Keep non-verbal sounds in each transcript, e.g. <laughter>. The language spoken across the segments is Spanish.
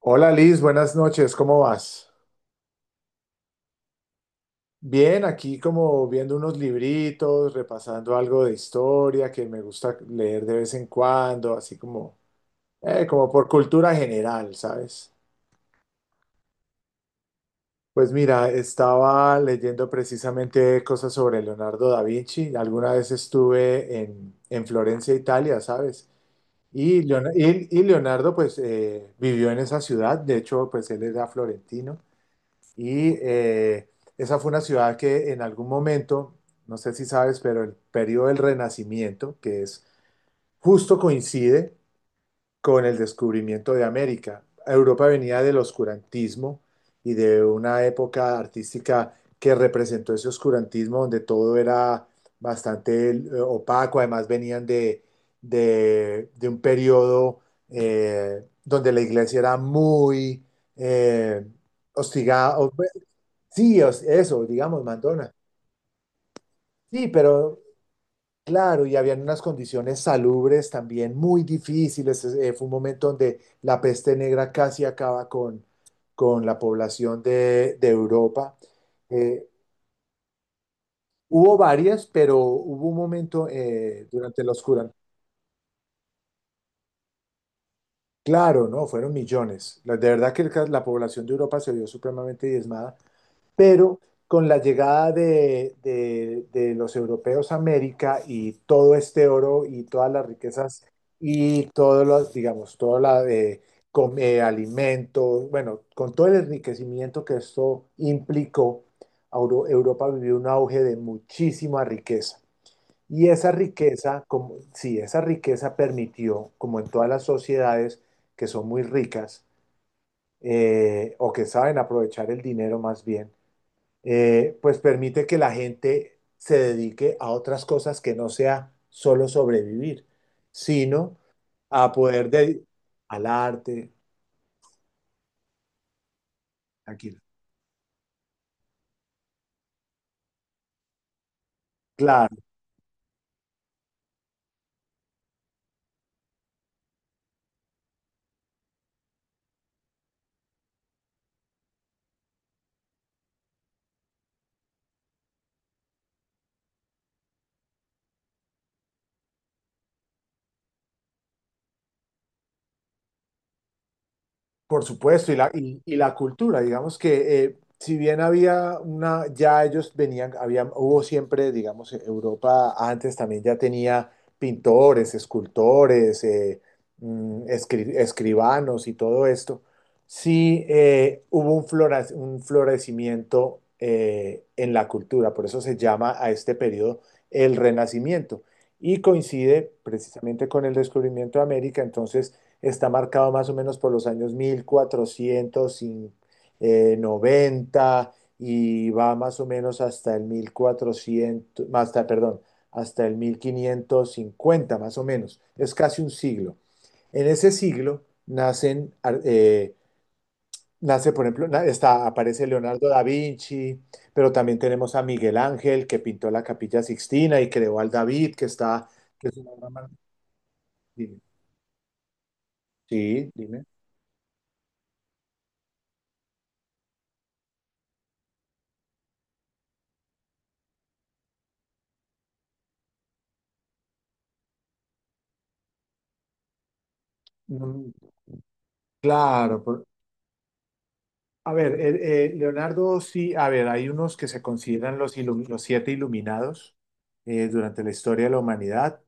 Hola Liz, buenas noches, ¿cómo vas? Bien, aquí como viendo unos libritos, repasando algo de historia que me gusta leer de vez en cuando, así como, como por cultura general, ¿sabes? Pues mira, estaba leyendo precisamente cosas sobre Leonardo da Vinci. Alguna vez estuve en Florencia, Italia, ¿sabes? Y Leonardo pues vivió en esa ciudad, de hecho pues él era florentino. Y esa fue una ciudad que en algún momento, no sé si sabes, pero el periodo del Renacimiento, que es justo coincide con el descubrimiento de América. Europa venía del oscurantismo y de una época artística que representó ese oscurantismo donde todo era bastante opaco, además venían de, de un periodo donde la iglesia era muy eh, hostigada. Sí, eso, digamos, Madonna. Sí, pero claro, y habían unas condiciones salubres también muy difíciles. Fue un momento donde la peste negra casi acaba con la población de Europa. Eh, hubo varias, pero hubo un momento durante los oscura. Claro, ¿no? Fueron millones. De verdad que la población de Europa se vio supremamente diezmada. Pero con la llegada de, de los europeos a América y todo este oro y todas las riquezas y todos los, digamos, toda la alimentos, bueno, con todo el enriquecimiento que esto implicó, Europa vivió un auge de muchísima riqueza. Y esa riqueza, como, sí, esa riqueza permitió, como en todas las sociedades que son muy ricas o que saben aprovechar el dinero más bien, pues permite que la gente se dedique a otras cosas que no sea solo sobrevivir, sino a poder dedicar al arte, aquí, claro. Por supuesto, y la, y la cultura, digamos que si bien había una, ya ellos venían, había, hubo siempre, digamos, Europa antes también ya tenía pintores, escultores, escribanos y todo esto. Sí, hubo un florecimiento en la cultura, por eso se llama a este periodo el Renacimiento, y coincide precisamente con el descubrimiento de América. Entonces está marcado más o menos por los años 1490 y va más o menos hasta el 1400 hasta, perdón, hasta el 1550 más o menos. Es casi un siglo. En ese siglo nacen, eh, nace, por ejemplo, aparece Leonardo da Vinci, pero también tenemos a Miguel Ángel, que pintó la Capilla Sixtina y creó al David, que es una obra mar- Dime. Sí, dime. Mm. Claro. A ver, Leonardo, sí, a ver, hay unos que se consideran los, los siete iluminados durante la historia de la humanidad.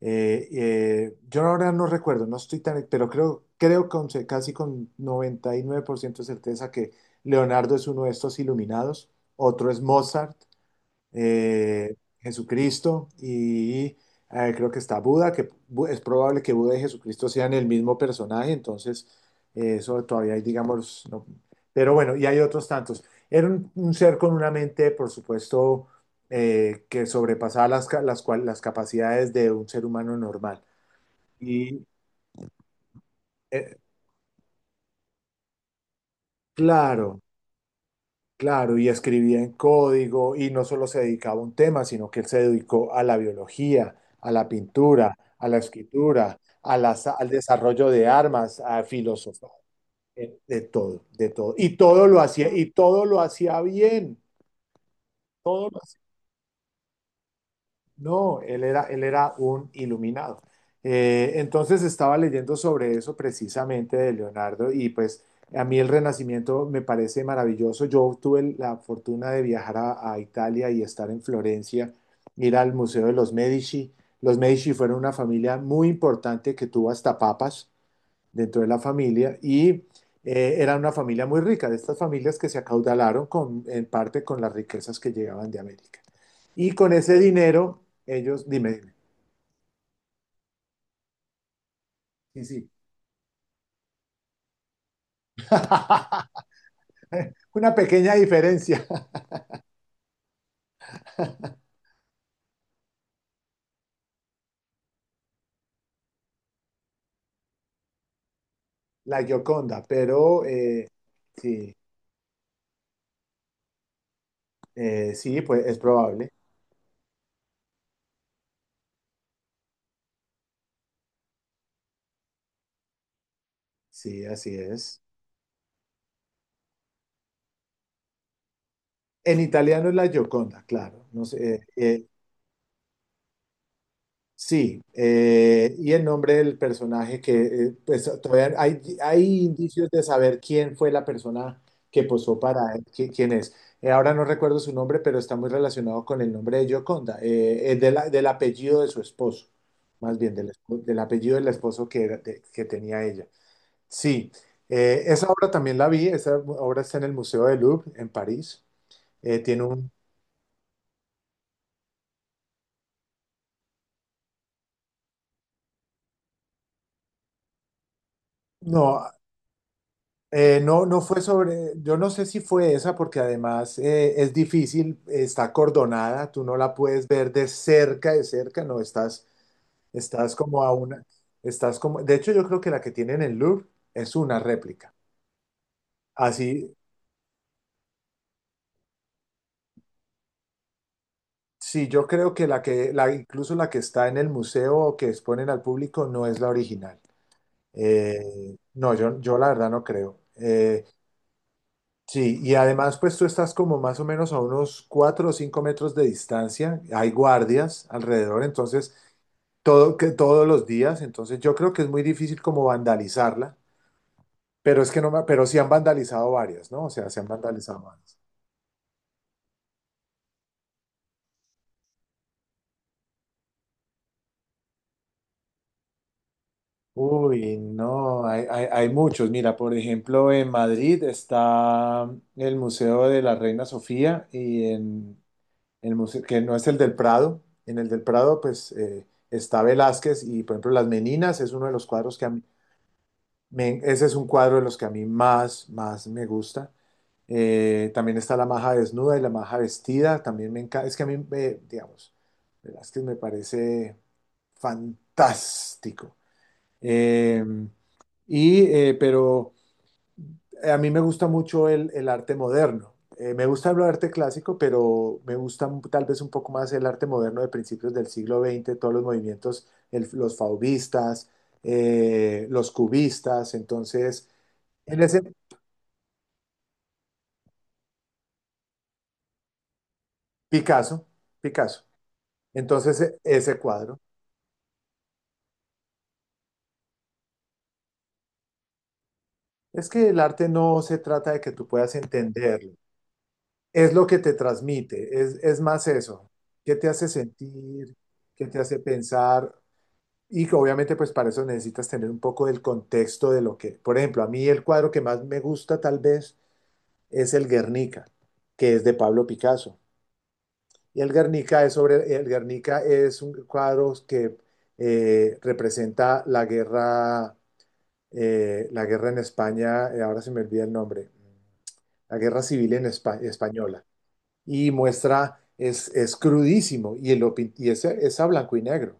Yo ahora no recuerdo, no estoy tan, pero creo, casi con 99% de certeza que Leonardo es uno de estos iluminados. Otro es Mozart, Jesucristo y creo que está Buda, es probable que Buda y Jesucristo sean el mismo personaje. Entonces eso todavía hay, digamos, no- pero bueno, y hay otros tantos. Era un ser con una mente, por supuesto, que sobrepasaba las, las capacidades de un ser humano normal. Y eh, claro. Claro, y escribía en código y no solo se dedicaba a un tema, sino que él se dedicó a la biología, a la pintura, a la escritura, al desarrollo de armas, a filosofía, de todo, de todo. Y todo lo hacía, y todo lo hacía bien, todo. No, él era un iluminado. Entonces estaba leyendo sobre eso precisamente de Leonardo y pues a mí el Renacimiento me parece maravilloso. Yo tuve la fortuna de viajar a Italia y estar en Florencia, ir al Museo de los Medici. Los Medici fueron una familia muy importante que tuvo hasta papas dentro de la familia y era una familia muy rica, de estas familias que se acaudalaron en parte con las riquezas que llegaban de América. Y con ese dinero, ellos, dime, dime. Sí, sí. <laughs> Una pequeña diferencia. <laughs> La Gioconda, pero sí, sí, pues es probable, sí, así es. En italiano es la Gioconda, claro. No sé. Sí, y el nombre del personaje que pues, todavía hay indicios de saber quién fue la persona que posó para él, quién es. Ahora no recuerdo su nombre, pero está muy relacionado con el nombre de Gioconda, del apellido de su esposo, más bien del apellido del esposo que tenía ella. Sí, esa obra también la vi. Esa obra está en el Museo del Louvre en París. Tiene un... No. No fue sobre, yo no sé si fue esa porque además es difícil, está acordonada, tú no la puedes ver de cerca, no, estás, como a una, estás como, de hecho yo creo que la que tienen en Louvre es una réplica. Así, sí, yo creo que incluso la que está en el museo o que exponen al público no es la original. No, yo la verdad no creo. Sí, y además pues tú estás como más o menos a unos 4 o 5 metros de distancia, hay guardias alrededor, entonces todo, que, todos los días, entonces yo creo que es muy difícil como vandalizarla, pero es que no me, pero sí han vandalizado varias, ¿no? O sea, se han vandalizado varias. Uy, no, hay, hay muchos. Mira, por ejemplo, en Madrid está el Museo de la Reina Sofía y en el museo, que no es el del Prado. En el del Prado, pues está Velázquez y, por ejemplo, Las Meninas es uno de los cuadros que a mí, ese es un cuadro de los que a mí más, más me gusta. También está La Maja Desnuda y La Maja Vestida, también me encanta. Es que a mí, me, digamos, Velázquez me parece fantástico. Eh, pero a mí me gusta mucho el arte moderno. Me gusta el arte clásico, pero me gusta tal vez un poco más el arte moderno de principios del siglo XX, todos los movimientos, los fauvistas, los cubistas. Entonces, en ese Picasso, Picasso. Entonces, ese cuadro. Es que el arte no se trata de que tú puedas entenderlo, es lo que te transmite, es más eso. ¿Qué te hace sentir? ¿Qué te hace pensar? Y que obviamente pues para eso necesitas tener un poco del contexto de lo que, por ejemplo, a mí el cuadro que más me gusta tal vez es el Guernica, que es de Pablo Picasso. Y el Guernica es sobre, el Guernica es un cuadro que representa la guerra en España, ahora se me olvida el nombre, la guerra civil en española. Y muestra, es crudísimo y, y es a blanco y negro,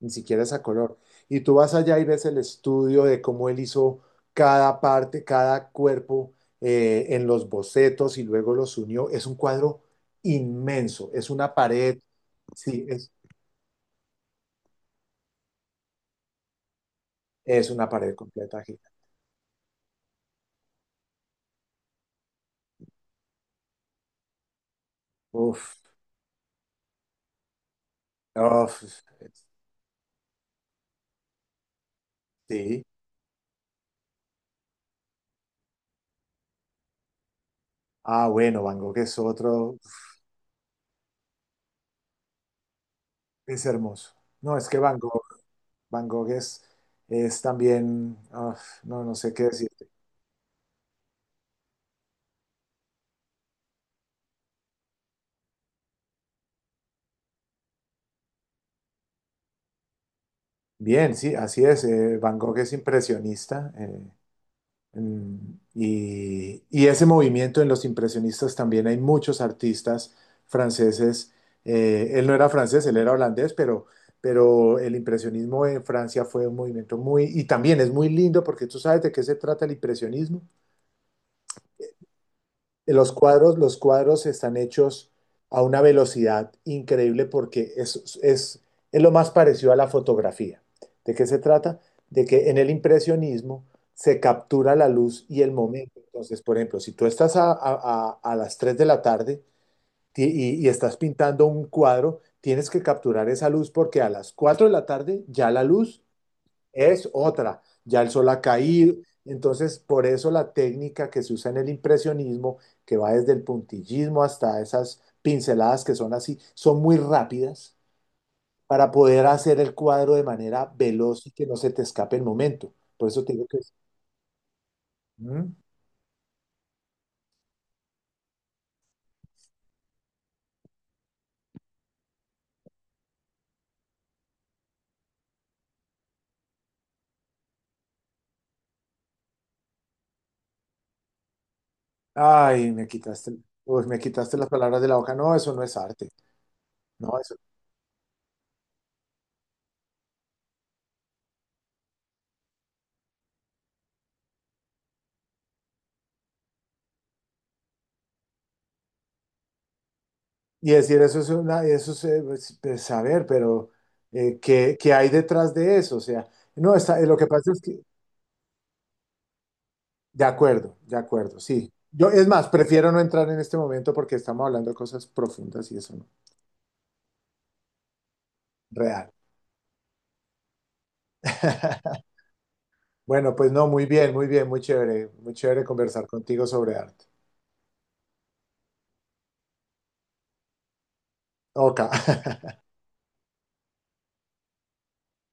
ni siquiera es a color. Y tú vas allá y ves el estudio de cómo él hizo cada parte, cada cuerpo en los bocetos y luego los unió. Es un cuadro inmenso, es una pared, sí, es una pared completa gigante. Uf, uf, sí. Ah, bueno, Van Gogh es otro, es hermoso. No, es que Van Gogh es también, uf, no sé qué decir. Bien, sí, así es. Van Gogh es impresionista. Mm. Y ese movimiento en los impresionistas también hay muchos artistas franceses. Él no era francés, él era holandés, pero, el impresionismo en Francia fue un movimiento muy, y también es muy lindo porque tú sabes de qué se trata el impresionismo. Los cuadros están hechos a una velocidad increíble porque es lo más parecido a la fotografía. ¿De qué se trata? De que en el impresionismo se captura la luz y el momento. Entonces, por ejemplo, si tú estás a las 3 de la tarde y, y estás pintando un cuadro, tienes que capturar esa luz porque a las 4 de la tarde ya la luz es otra, ya el sol ha caído. Entonces, por eso la técnica que se usa en el impresionismo, que va desde el puntillismo hasta esas pinceladas que son así, son muy rápidas para poder hacer el cuadro de manera veloz y que no se te escape el momento. Por eso te digo que es... ¿Mm? Ay, me quitaste las palabras de la hoja. No, eso no es arte. No, eso. Y decir eso es una, eso es, pues, saber, pero ¿qué hay detrás de eso? O sea, no, está, lo que pasa es que. De acuerdo, sí. Yo, es más, prefiero no entrar en este momento porque estamos hablando de cosas profundas y eso no. Real. <laughs> Bueno, pues no, muy bien, muy bien, muy chévere conversar contigo sobre arte. Ok. <laughs>